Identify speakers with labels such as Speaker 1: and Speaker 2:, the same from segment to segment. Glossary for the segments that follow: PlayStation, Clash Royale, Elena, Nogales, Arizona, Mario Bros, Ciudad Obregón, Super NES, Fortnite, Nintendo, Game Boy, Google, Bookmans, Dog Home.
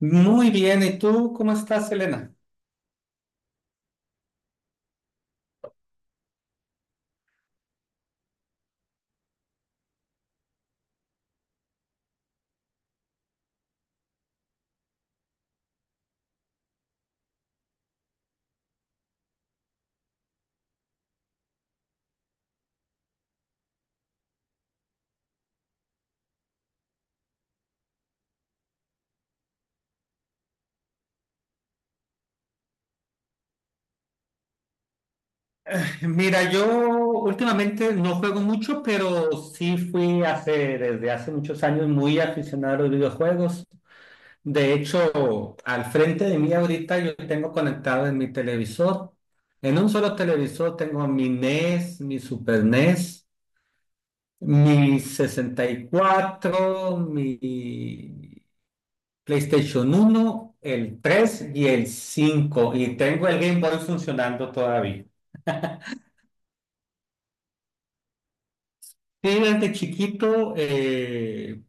Speaker 1: Muy bien, ¿y tú cómo estás, Elena? Mira, yo últimamente no juego mucho, pero sí fui desde hace muchos años muy aficionado a los videojuegos. De hecho, al frente de mí ahorita yo tengo conectado en mi televisor. En un solo televisor tengo mi NES, mi Super NES, mi 64, mi PlayStation 1, el 3 y el 5. Y tengo el Game Boy funcionando todavía. Sí, desde chiquito,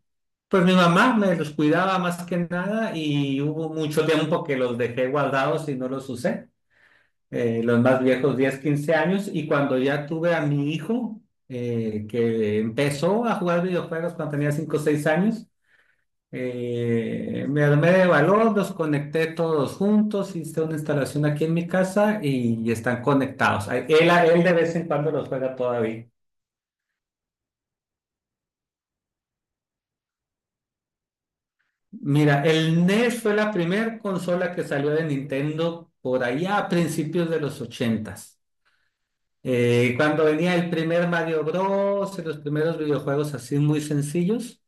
Speaker 1: pues mi mamá me los cuidaba más que nada y hubo mucho tiempo que los dejé guardados y no los usé, los más viejos 10, 15 años, y cuando ya tuve a mi hijo, que empezó a jugar videojuegos cuando tenía 5 o 6 años, me armé de valor, los conecté todos juntos, hice una instalación aquí en mi casa y están conectados. Él de vez en cuando los juega todavía. Mira, el NES fue la primera consola que salió de Nintendo por allá a principios de los ochentas. Cuando venía el primer Mario Bros. Y los primeros videojuegos así muy sencillos.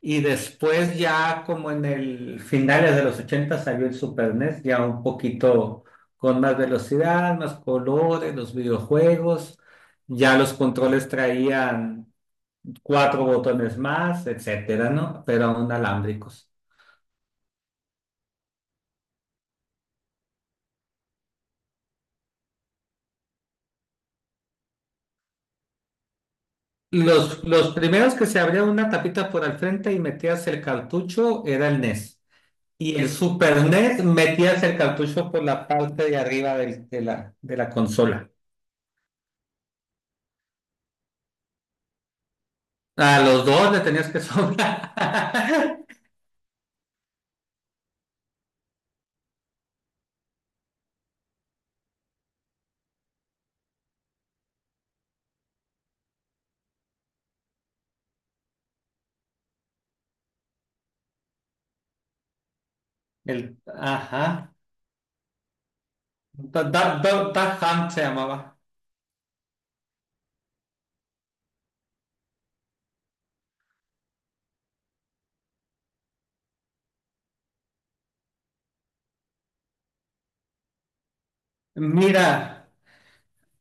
Speaker 1: Y después ya como en el finales de los ochentas salió el Super NES, ya un poquito con más velocidad, más colores, los videojuegos. Ya los controles traían cuatro botones más, etcétera, ¿no? Pero aún alámbricos. Los primeros, que se abría una tapita por al frente y metías el cartucho, era el NES. Y el Super NES, metías el cartucho por la parte de arriba de la consola. A los dos le tenías que sobrar. Ajá. Da Hunt se llamaba. Mira,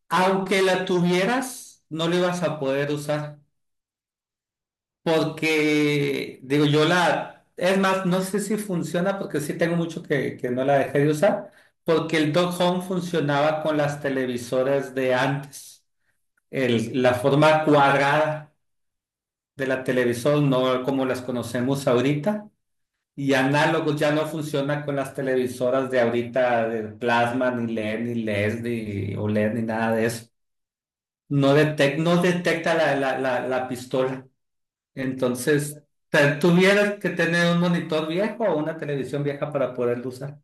Speaker 1: aunque la tuvieras, no lo ibas a poder usar. Porque, digo, yo la... Es más, no sé si funciona porque sí tengo mucho que no la dejé de usar, porque el Dog Home funcionaba con las televisoras de antes. La forma cuadrada de la televisor, no como las conocemos ahorita. Y análogos ya no funciona con las televisoras de ahorita, de plasma, ni LED, ni OLED, ni nada de eso. No, no detecta la pistola. Entonces, tuvieras que tener un monitor viejo o una televisión vieja para poderlo usar.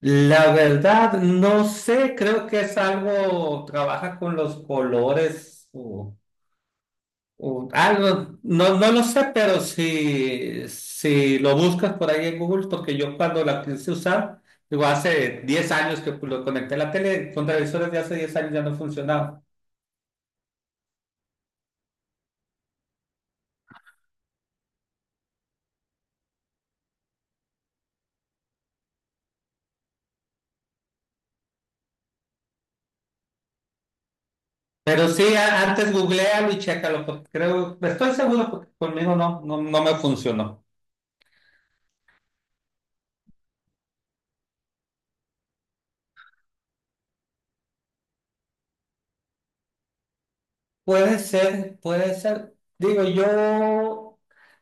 Speaker 1: La verdad, no sé, creo que es algo, trabaja con los colores, o algo, no, no lo sé, pero si, si lo buscas por ahí en Google, porque yo cuando la quise usar, digo, hace 10 años que lo conecté a la tele, con televisores de hace 10 años ya no funcionaba. Pero sí, antes googlealo y chécalo, porque creo, estoy seguro, porque conmigo no, no, no me funcionó. Puede ser, puede ser. Digo, yo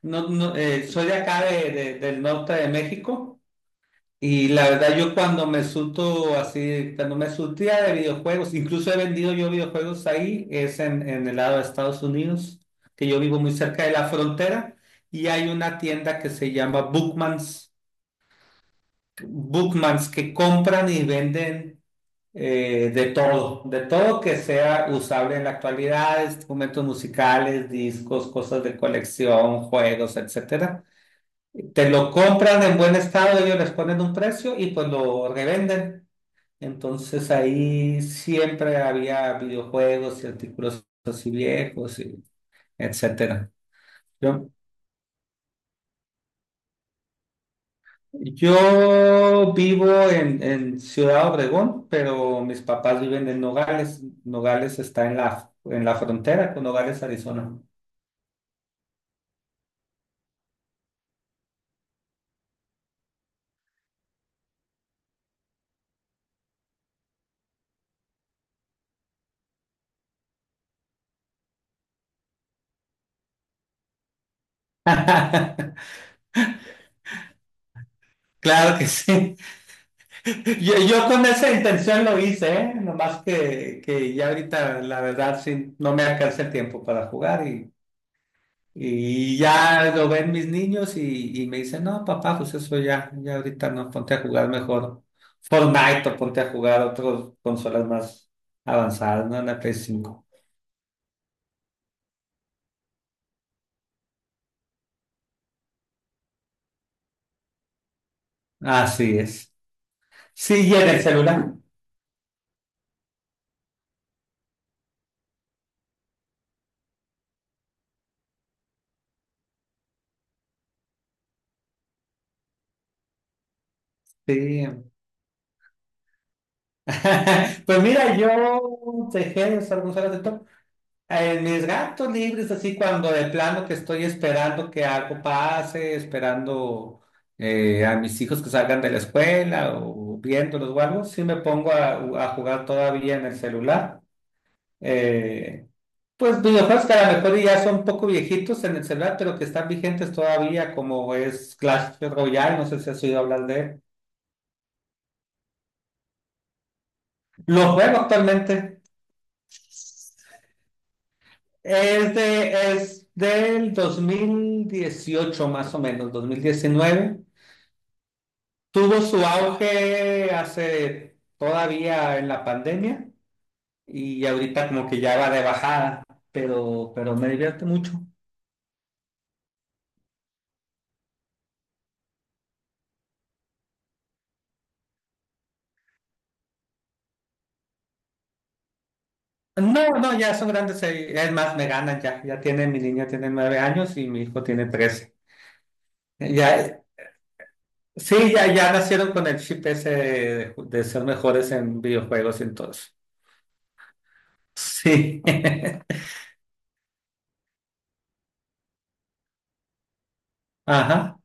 Speaker 1: no, no, soy de acá del norte de México, y la verdad yo cuando me surto así, cuando me surtía de videojuegos, incluso he vendido yo videojuegos ahí, es en, el lado de Estados Unidos, que yo vivo muy cerca de la frontera, y hay una tienda que se llama Bookmans. Bookmans, que compran y venden de todo que sea usable en la actualidad: instrumentos musicales, discos, cosas de colección, juegos, etcétera. Te lo compran en buen estado, ellos les ponen un precio y pues lo revenden. Entonces ahí siempre había videojuegos y artículos así viejos, y etcétera. Yo Yo vivo en, Ciudad Obregón, pero mis papás viven en Nogales. Nogales está en la frontera con Nogales, Arizona. Claro que sí. Yo con esa intención lo hice, ¿eh? Nomás que ya ahorita, la verdad, sí, no me alcanza el tiempo para jugar. Y ya lo ven mis niños y me dicen, no, papá, pues eso ya, ya ahorita no, ponte a jugar mejor Fortnite, o ponte a jugar otras consolas más avanzadas, ¿no? La Play 5. Así es. Sí, y en el celular. Sí. Pues mira, yo dejé de usar consolas de En mis gatos libres, así cuando de plano que estoy esperando que algo pase, esperando a mis hijos que salgan de la escuela, o viéndolos o algo, sí me pongo a, jugar todavía en el celular. Eh, pues videojuegos que a lo mejor ya son un poco viejitos en el celular, pero que están vigentes todavía, como es Clash Royale, no sé si has oído hablar de él. Lo juego actualmente. Es de, es del 2018 más o menos, 2019. Tuvo su auge hace todavía en la pandemia, y ahorita como que ya va de bajada, pero me divierte mucho. No, no, ya son grandes, es más, me ganan ya, ya mi niña tiene 9 años y mi hijo tiene 13. Ya, sí, ya, ya nacieron con el chip ese de, ser mejores en videojuegos, entonces. Sí, ajá.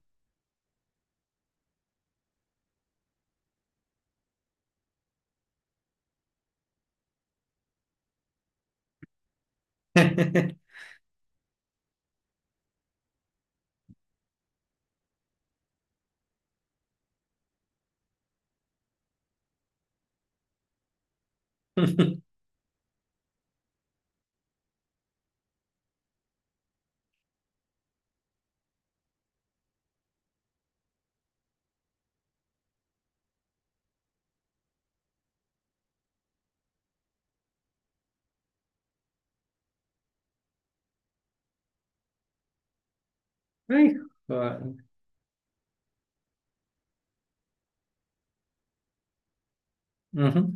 Speaker 1: Hijo. Ujú.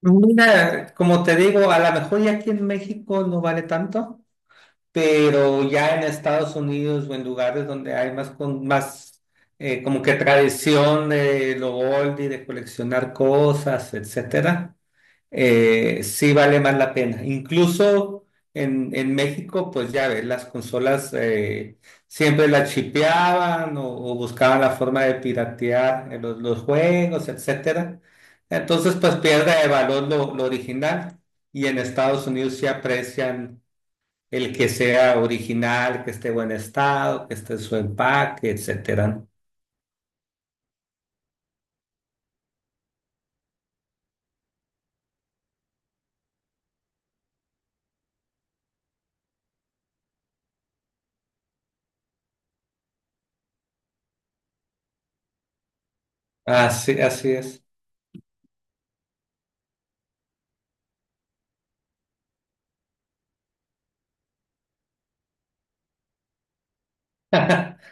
Speaker 1: Mira, como te digo, a lo mejor ya aquí en México no vale tanto, pero ya en Estados Unidos o en lugares donde hay más, como que tradición de lo oldie, de coleccionar cosas, etcétera, sí vale más la pena. Incluso en México, pues ya ves, las consolas siempre las chipeaban, o buscaban la forma de piratear los juegos, etcétera. Entonces, pues pierde de valor lo original, y en Estados Unidos sí aprecian el que sea original, que esté en buen estado, que esté en su empaque, etcétera, ¿no? Así, así es.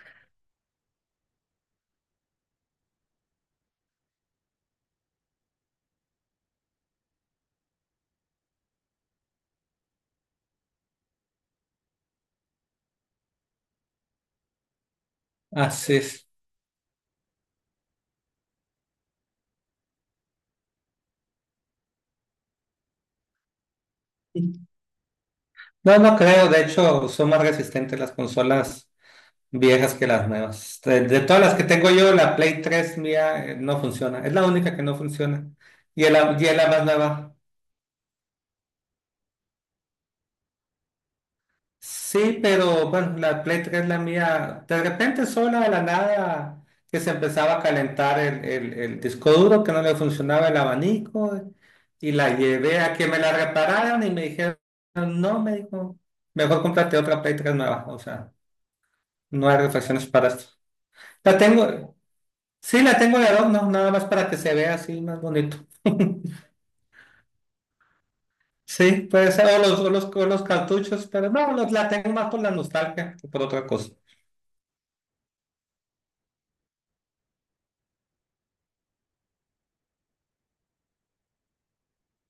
Speaker 1: Así es. No, no creo. De hecho, son más resistentes las consolas viejas que las nuevas. De todas las que tengo yo, la Play 3 mía no funciona. Es la única que no funciona. Y es la más nueva. Sí, pero bueno, la Play 3 la mía, de repente sola de la nada, que se empezaba a calentar el disco duro, que no le funcionaba el abanico, y la llevé a que me la repararan y me dijeron, no, me dijo, mejor cómprate otra Play 3 nueva, o sea, no hay refacciones para esto. La tengo, sí, la tengo de adorno, no, nada más para que se vea así más bonito. Sí, puede ser, o los, o los cartuchos, pero no, la tengo más por la nostalgia que por otra cosa.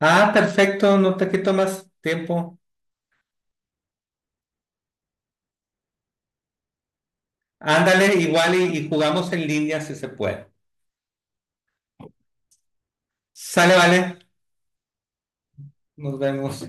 Speaker 1: Ah, perfecto, no te quito más tiempo. Ándale, igual y jugamos en línea si se puede. Sale, vale, nos vemos.